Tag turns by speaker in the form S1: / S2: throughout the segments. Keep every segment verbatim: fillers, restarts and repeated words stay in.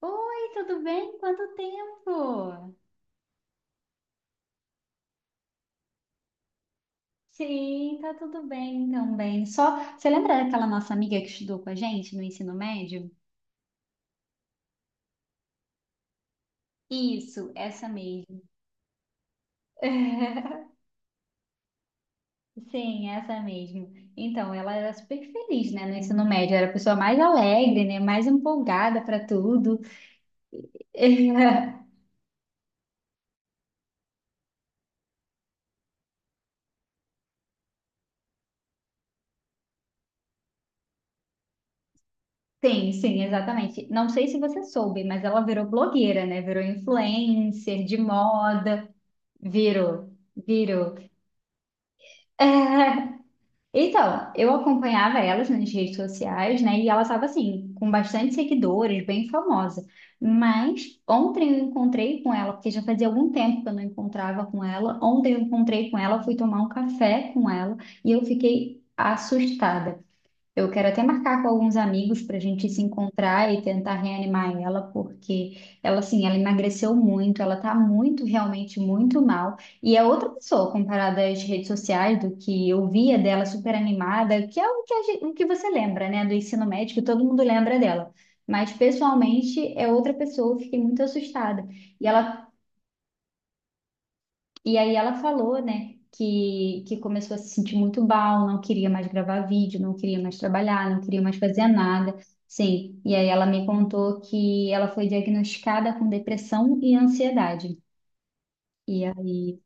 S1: Oi, tudo bem? Quanto tempo? Sim, tá tudo bem também. Só, você lembra daquela nossa amiga que estudou com a gente no ensino médio? Isso, essa mesmo. Sim, essa mesmo. Então, ela era super feliz, né, no ensino médio, era a pessoa mais alegre, né, mais empolgada para tudo. Sim, sim, exatamente. Não sei se você soube, mas ela virou blogueira, né? Virou influencer de moda. Virou, virou. Então, eu acompanhava elas nas redes sociais, né? E ela estava assim, com bastante seguidores, bem famosa. Mas ontem eu encontrei com ela, porque já fazia algum tempo que eu não encontrava com ela. Ontem eu encontrei com ela, fui tomar um café com ela e eu fiquei assustada. Eu quero até marcar com alguns amigos para a gente se encontrar e tentar reanimar ela, porque ela, assim, ela emagreceu muito, ela tá muito, realmente muito mal. E é outra pessoa comparada às redes sociais, do que eu via dela super animada, que é o que, a gente- o que você lembra, né, do ensino médio, que todo mundo lembra dela. Mas pessoalmente é outra pessoa, eu fiquei muito assustada. E ela e aí ela falou, né, que, que começou a se sentir muito mal, não queria mais gravar vídeo, não queria mais trabalhar, não queria mais fazer nada. Sim, e aí ela me contou que ela foi diagnosticada com depressão e ansiedade. E aí,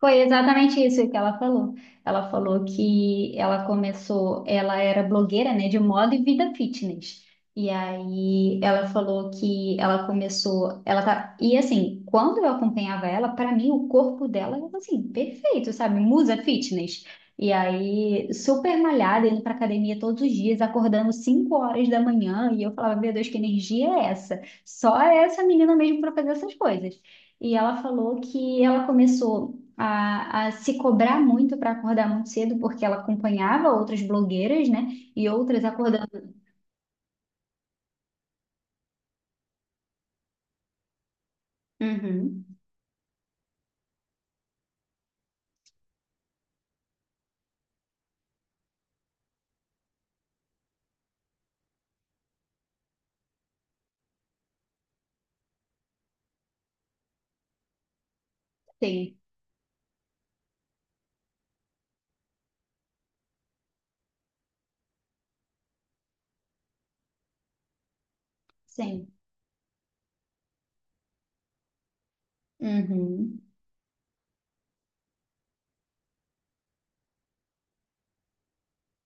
S1: foi exatamente isso que ela falou. Ela falou que ela começou, ela era blogueira, né, de moda e vida fitness. E aí ela falou que ela começou, ela tá, e assim, quando eu acompanhava ela, para mim o corpo dela era assim, perfeito, sabe? Musa fitness. E aí, super malhada, indo pra academia todos os dias, acordando cinco horas da manhã, e eu falava, meu Deus, que energia é essa? Só essa menina mesmo para fazer essas coisas. E ela falou que ela começou a, a se cobrar muito para acordar muito cedo, porque ela acompanhava outras blogueiras, né? E outras acordando. Uhum. Sim, sim. Uhum.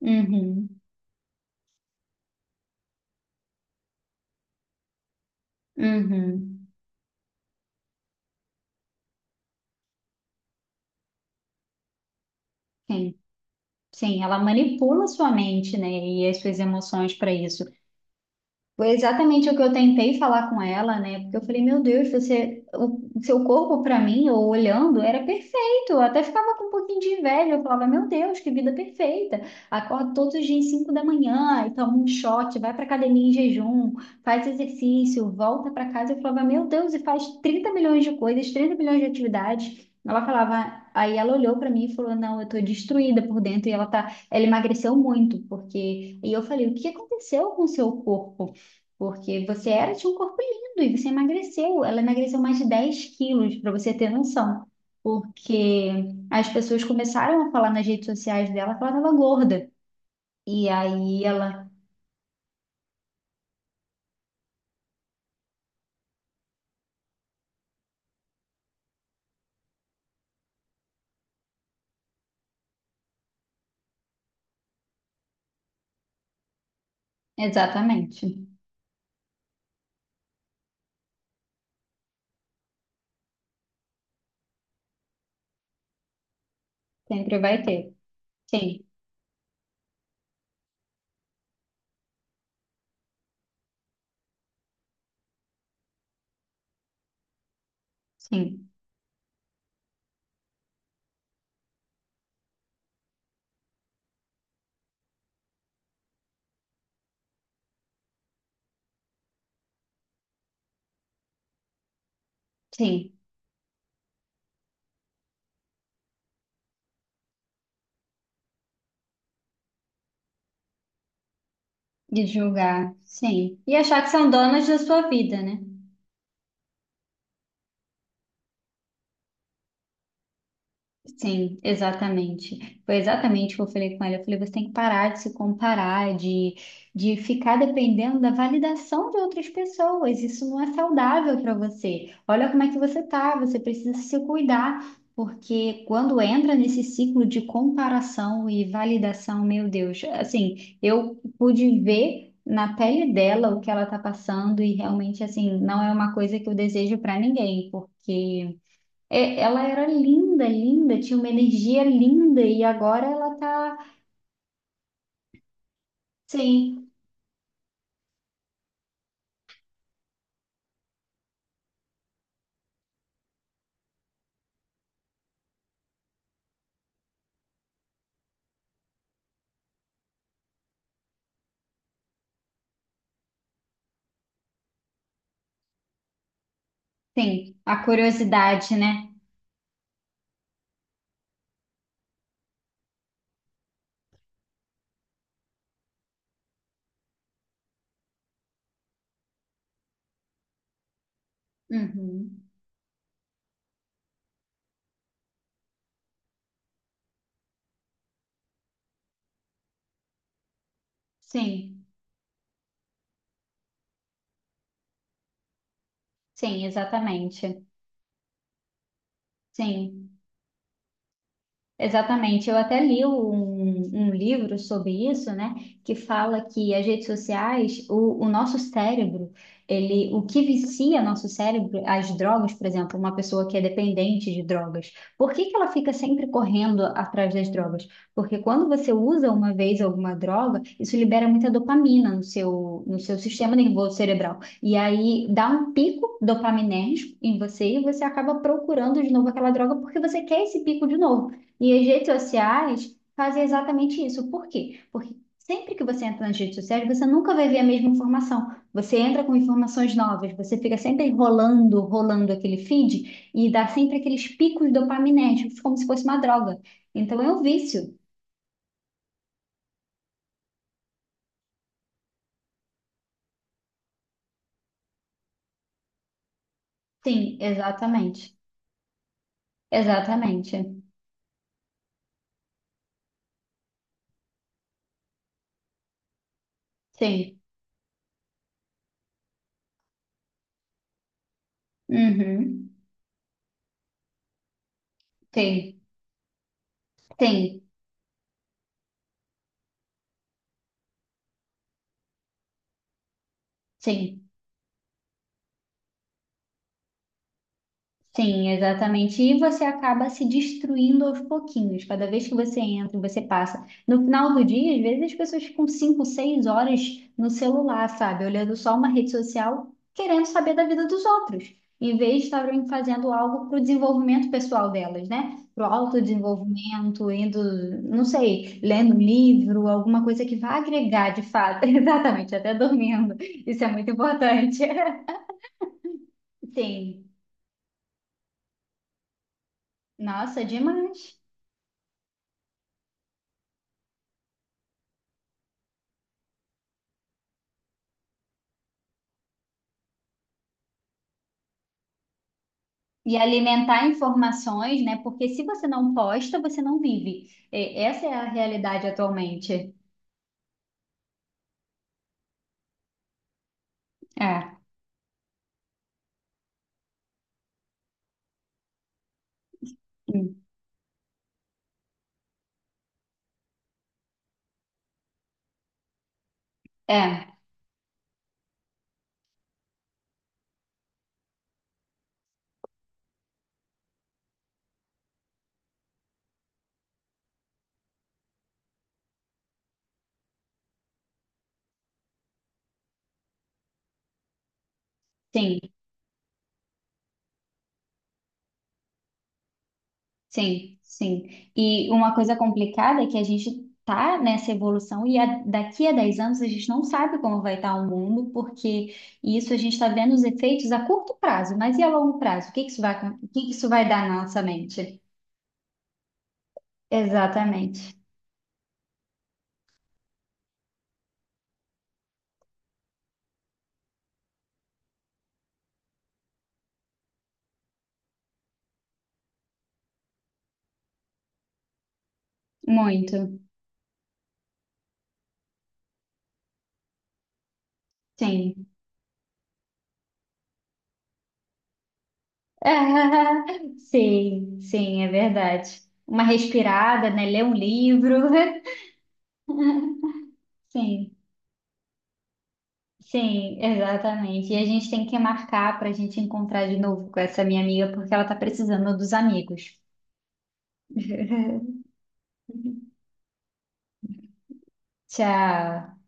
S1: Uhum. Uhum. Sim, sim. Ela manipula sua mente, né? E as suas emoções para isso. Foi exatamente o que eu tentei falar com ela, né? Porque eu falei, meu Deus, você, o seu corpo para mim, eu olhando, era perfeito. Eu até ficava com um pouquinho de inveja. Eu falava, meu Deus, que vida perfeita. Acorda todos os dias cinco da manhã, e toma um shot, vai para academia em jejum, faz exercício, volta para casa. Eu falava, meu Deus, e faz trinta milhões de coisas, trinta milhões de atividades. Ela falava, aí ela olhou para mim e falou, não, eu tô destruída por dentro e ela tá, ela emagreceu muito, porque, e eu falei, o que aconteceu com o seu corpo? Porque você era, tinha um corpo lindo e você emagreceu. Ela emagreceu mais de dez quilos, para você ter noção. Porque as pessoas começaram a falar nas redes sociais dela que ela estava gorda. E aí ela. Exatamente. Sempre vai ter. Sim, sim, sim. De julgar, sim. E achar que são donas da sua vida, né? Sim, exatamente. Foi exatamente o que eu falei com ela. Eu falei, você tem que parar de se comparar, de, de ficar dependendo da validação de outras pessoas. Isso não é saudável para você. Olha como é que você tá, você precisa se cuidar, porque quando entra nesse ciclo de comparação e validação, meu Deus, assim, eu pude ver na pele dela o que ela tá passando e realmente, assim, não é uma coisa que eu desejo para ninguém, porque é, ela era linda, linda, tinha uma energia linda e agora ela tá. Sim, sim, a curiosidade, né? Uhum. Sim, sim, exatamente. Sim. Exatamente, eu até li um, um livro sobre isso, né, que fala que as redes sociais, o, o nosso cérebro, ele, o que vicia nosso cérebro, as drogas, por exemplo, uma pessoa que é dependente de drogas, por que que ela fica sempre correndo atrás das drogas? Porque quando você usa uma vez alguma droga, isso libera muita dopamina no seu, no seu sistema nervoso cerebral, e aí dá um pico dopaminérgico em você e você acaba procurando de novo aquela droga porque você quer esse pico de novo. E as redes sociais fazem exatamente isso. Por quê? Porque sempre que você entra nas redes sociais, você nunca vai ver a mesma informação. Você entra com informações novas, você fica sempre rolando, rolando aquele feed e dá sempre aqueles picos dopaminérgicos, como se fosse uma droga. Então é um vício. Sim, exatamente. Exatamente. Sim. Uhum. Sim, sim, sim. Sim, exatamente. E você acaba se destruindo aos pouquinhos. Cada vez que você entra, você passa. No final do dia, às vezes as pessoas ficam cinco, seis horas no celular, sabe? Olhando só uma rede social, querendo saber da vida dos outros, em vez de estarem fazendo algo para o desenvolvimento pessoal delas, né? Para o autodesenvolvimento, indo, não sei, lendo um livro, alguma coisa que vá agregar de fato. Exatamente, até dormindo. Isso é muito importante. Sim. Nossa, demais. E alimentar informações, né? Porque se você não posta, você não vive. E- essa é a realidade atualmente. É, hum, é, sim, sim, sim. E uma coisa complicada é que a gente tá nessa evolução e a- daqui a dez anos a gente não sabe como vai estar o mundo, porque isso a gente está vendo os efeitos a curto prazo, mas e a longo prazo? O que que isso vai, acon- o que que isso vai dar na nossa mente? Exatamente. Muito. Sim. Ah, sim, sim, é verdade. Uma respirada, né? Ler um livro. Sim, sim, exatamente. E a gente tem que marcar para a gente encontrar de novo com essa minha amiga, porque ela tá precisando dos amigos. Tchau.